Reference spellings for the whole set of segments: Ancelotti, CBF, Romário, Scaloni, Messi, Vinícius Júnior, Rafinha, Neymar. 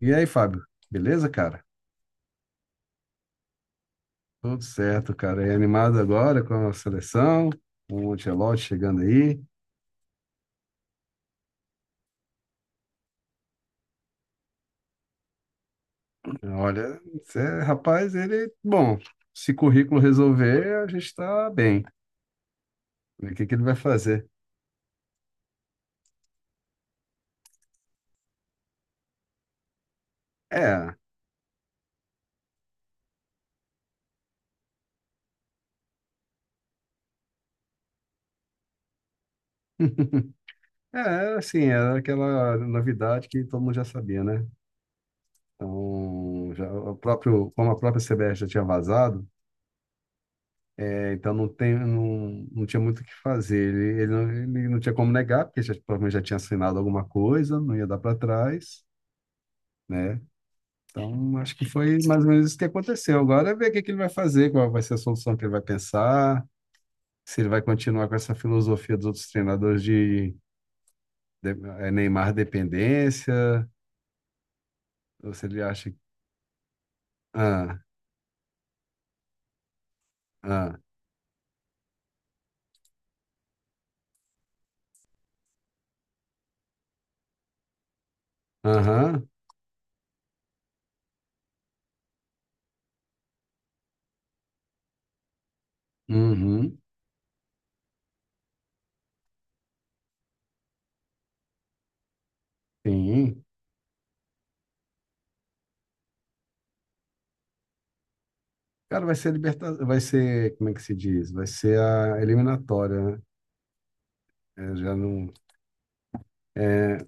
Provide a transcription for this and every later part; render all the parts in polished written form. E aí, Fábio? Beleza, cara? Tudo certo, cara. E animado agora com a seleção, com o Ancelotti chegando aí. Olha, rapaz, ele... Bom, se currículo resolver, a gente tá bem. O que que ele vai fazer? É, é, assim, era aquela novidade que todo mundo já sabia, né? Então, já, o próprio, como a própria CBF já tinha vazado. Então não tem, não tinha muito o que fazer. Não, ele não tinha como negar, porque já, provavelmente já tinha assinado alguma coisa, não ia dar para trás, né? Então acho que foi mais ou menos isso que aconteceu. Agora é ver o que, que ele vai fazer, qual vai ser a solução que ele vai pensar, se ele vai continuar com essa filosofia dos outros treinadores de, de Neymar dependência, ou se ele acha. Ah, ah, aham, uhum, sim. Cara, vai ser liberta... vai ser, como é que se diz? Vai ser a eliminatória, né? Eu já não. É,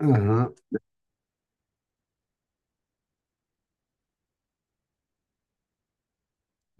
aham,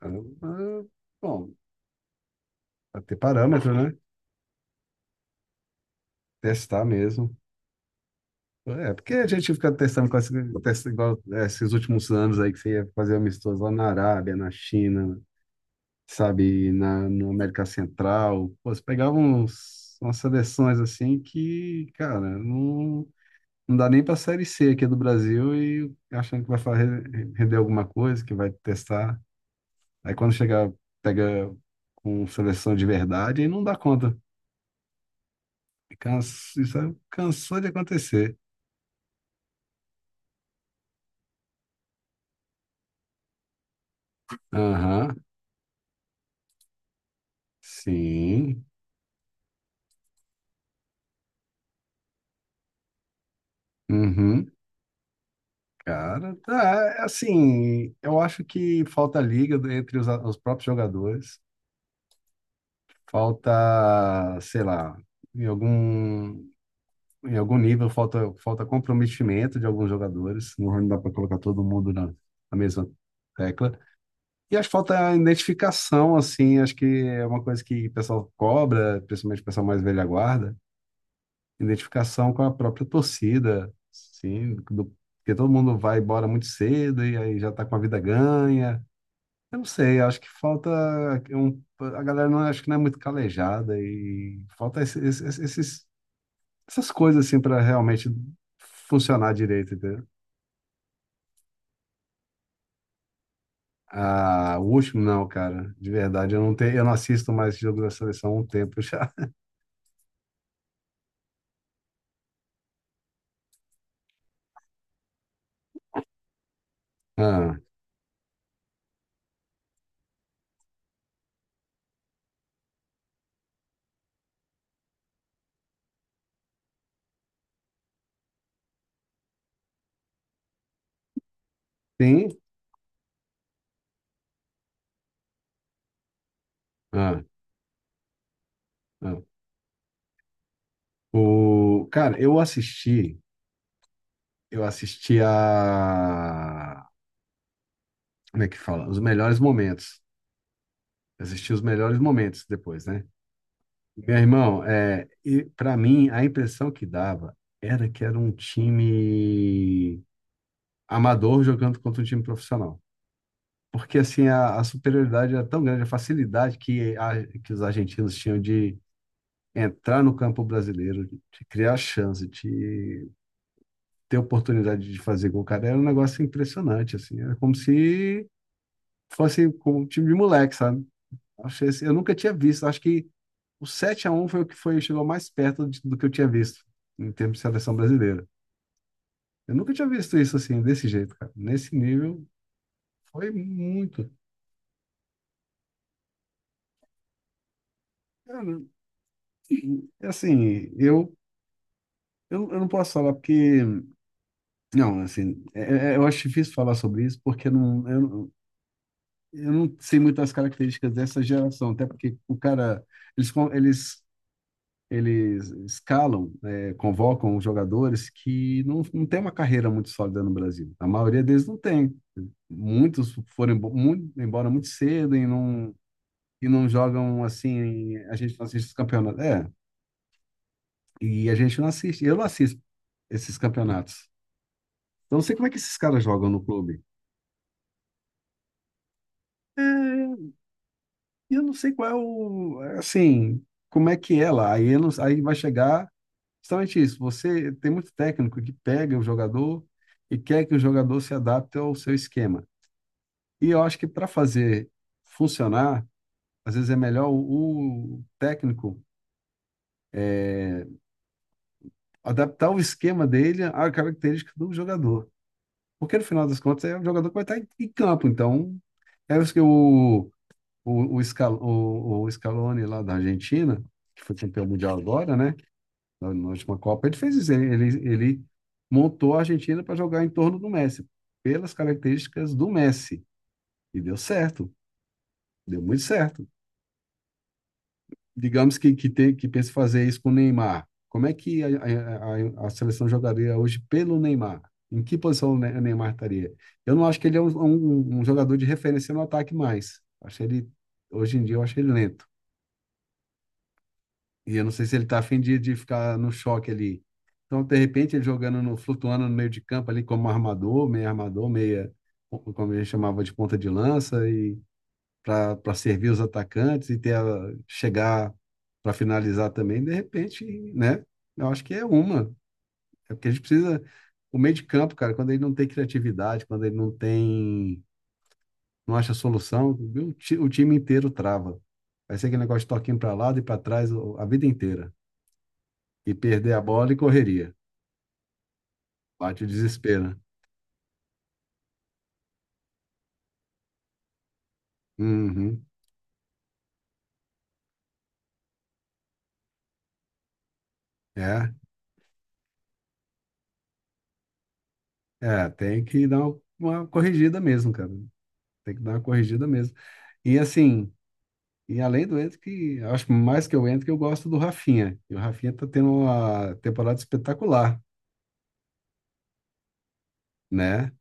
caramba, bom, vai ter parâmetro, né? Testar mesmo. É, porque a gente fica testando com esse- testa igual, é, esses últimos anos aí que você ia fazer amistoso lá na Arábia, na China, sabe, na América Central. Pô, você pegava uns, umas seleções assim que, cara, não, não dá nem pra Série C aqui do Brasil e achando que vai fa- render alguma coisa, que vai testar. Aí quando chega, pega com seleção de verdade, aí não dá conta. Cansa, isso aí cansou de acontecer. Aham, sim. Uhum. Cara, tá, é assim, eu acho que falta liga entre os próprios jogadores, falta, sei lá, em algum, em algum nível falta, falta comprometimento de alguns jogadores, não dá para colocar todo mundo na, na mesma tecla. E acho que falta a identificação, assim, acho que é uma coisa que o pessoal cobra, principalmente o pessoal mais velha guarda, identificação com a própria torcida, sim, do, porque todo mundo vai embora muito cedo e aí já está com a vida ganha. Eu não sei, acho que falta um, a galera não acho que não é muito calejada e falta esses, essas coisas assim para realmente funcionar direito, entendeu? Ah, o último não, cara, de verdade, eu não tenho, eu não assisto mais jogos da seleção há um tempo já. Ah. Tem. Ah, ah. O... Cara, eu assisti a. Como é que fala? Os melhores momentos. Assisti os melhores momentos depois, né? Meu irmão, é... e para mim, a impressão que dava era que era um time amador jogando contra um time profissional. Porque, assim, a superioridade era tão grande, a facilidade que, a- que os argentinos tinham de entrar no campo brasileiro, de criar chance, de ter a oportunidade de fazer gol, cara, era um negócio impressionante, assim. Era como se fosse como um time de moleque, sabe? Achei assim, eu nunca tinha visto. Acho que o 7 a um foi o que foi, chegou mais perto de- do que eu tinha visto em termos de seleção brasileira. Eu nunca tinha visto isso assim, desse jeito, cara. Nesse nível, foi muito. Cara, assim, eu não posso falar porque. Não, assim, é, eu acho difícil falar sobre isso porque não, eu, não- eu não sei muito as características dessa geração, até porque o cara. Eles, com- eles escalam, convocam os jogadores que não, não têm uma carreira muito sólida no Brasil. A maioria deles não tem. Muitos foram embo- mu- embora muito cedo e não jogam assim. A gente não assiste os campeonatos. É, e a gente não assiste. Eu não assisto esses campeonatos. Então não sei como é que esses caras jogam no clube. É, e eu não sei qual é o. Assim, como é que é lá. Aí, eu não- aí vai chegar. Justamente isso. Você tem muito técnico que pega o jogador e quer que o jogador se adapte ao seu esquema. E eu acho que para fazer funcionar, às vezes é melhor o técnico adaptar o esquema dele à característica do jogador. Porque no final das contas é o jogador que vai estar em, em campo. Então, é isso que Scal, o Scaloni lá da Argentina, que foi campeão mundial agora, né? Na última Copa, ele fez isso. Ele montou a Argentina para jogar em torno do Messi, pelas características do Messi. E deu certo, deu muito certo. Digamos que, tem, que pense fazer isso com o Neymar. Como é que a seleção jogaria hoje pelo Neymar? Em que posição o Ne- o Neymar estaria? Eu não acho que ele é um jogador de referência no ataque mais. Acho ele, hoje em dia, eu acho ele lento. E eu não sei se ele está afim de ficar no choque ali. Então, de repente, ele jogando no, flutuando no meio de campo ali como armador, meio armador, meia, como a gente chamava de ponta de lança, e para servir os atacantes e ter a- chegar para finalizar também, de repente, né? Eu acho que é uma. É porque a gente precisa. O meio de campo, cara, quando ele não tem criatividade, quando ele não tem. Não acha solução, viu? O ti- o time inteiro trava. Vai ser aquele negócio de toquinho para lado e para trás o- a vida inteira. E perder a bola e correria. Bate o desespero. Né? Uhum. É, tem que dar uma corrigida mesmo, cara. Tem que dar uma corrigida mesmo. E assim, e além do Ento, que eu acho mais que o Ento, que eu gosto do Rafinha. E o Rafinha tá tendo uma temporada espetacular, né?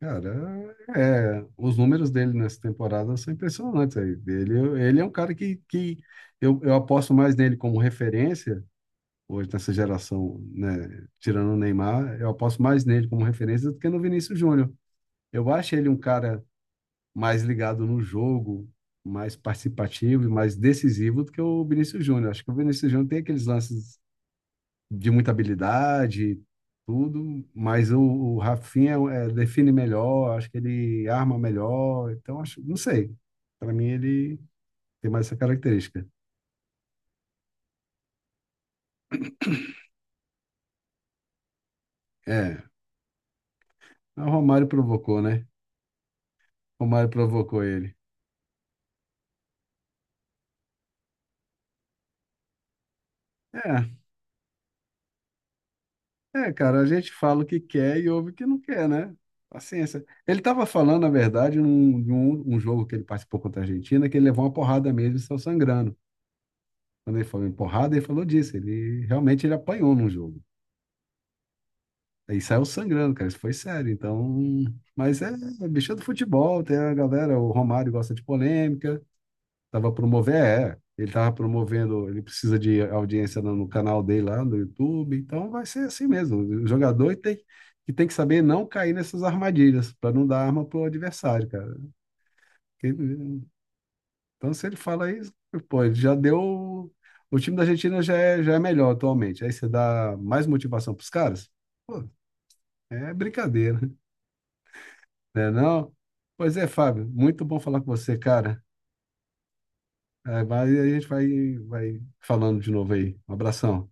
Cara, é, os números dele nessa temporada são impressionantes aí. Ele é um cara que eu aposto mais nele como referência hoje nessa geração, né, tirando o Neymar, eu aposto mais nele como referência do que no Vinícius Júnior. Eu acho ele um cara mais ligado no jogo, mais participativo e mais decisivo do que o Vinícius Júnior. Acho que o Vinícius Júnior tem aqueles lances de muita habilidade, tudo, mas o Rafinha é, define melhor, acho que ele arma melhor, então acho, não sei. Para mim ele tem mais essa característica. É, o Romário provocou, né? O Romário provocou ele. É, é, cara, a gente fala o que quer e ouve o que não quer, né? Paciência. Ele estava falando, na verdade, num, de um jogo que ele participou contra a Argentina, que ele levou uma porrada mesmo e saiu sangrando. Quando ele falou em porrada, ele falou disso. Ele realmente ele apanhou num jogo. Aí saiu sangrando, cara. Isso foi sério. Então, mas é, é bicho do futebol, tem a galera, o Romário gosta de polêmica. Tava promovendo, ele tava promovendo, ele precisa de audiência no canal dele lá no YouTube, então vai ser assim mesmo. O jogador tem que saber não cair nessas armadilhas para não dar arma pro adversário, cara. Porque, então se ele fala isso, pô, ele já deu o time da Argentina já é melhor atualmente. Aí você dá mais motivação pros caras? Pô, é brincadeira, né não? Pois é, Fábio, muito bom falar com você, cara. É, vai, vai falando de novo aí. Um abração.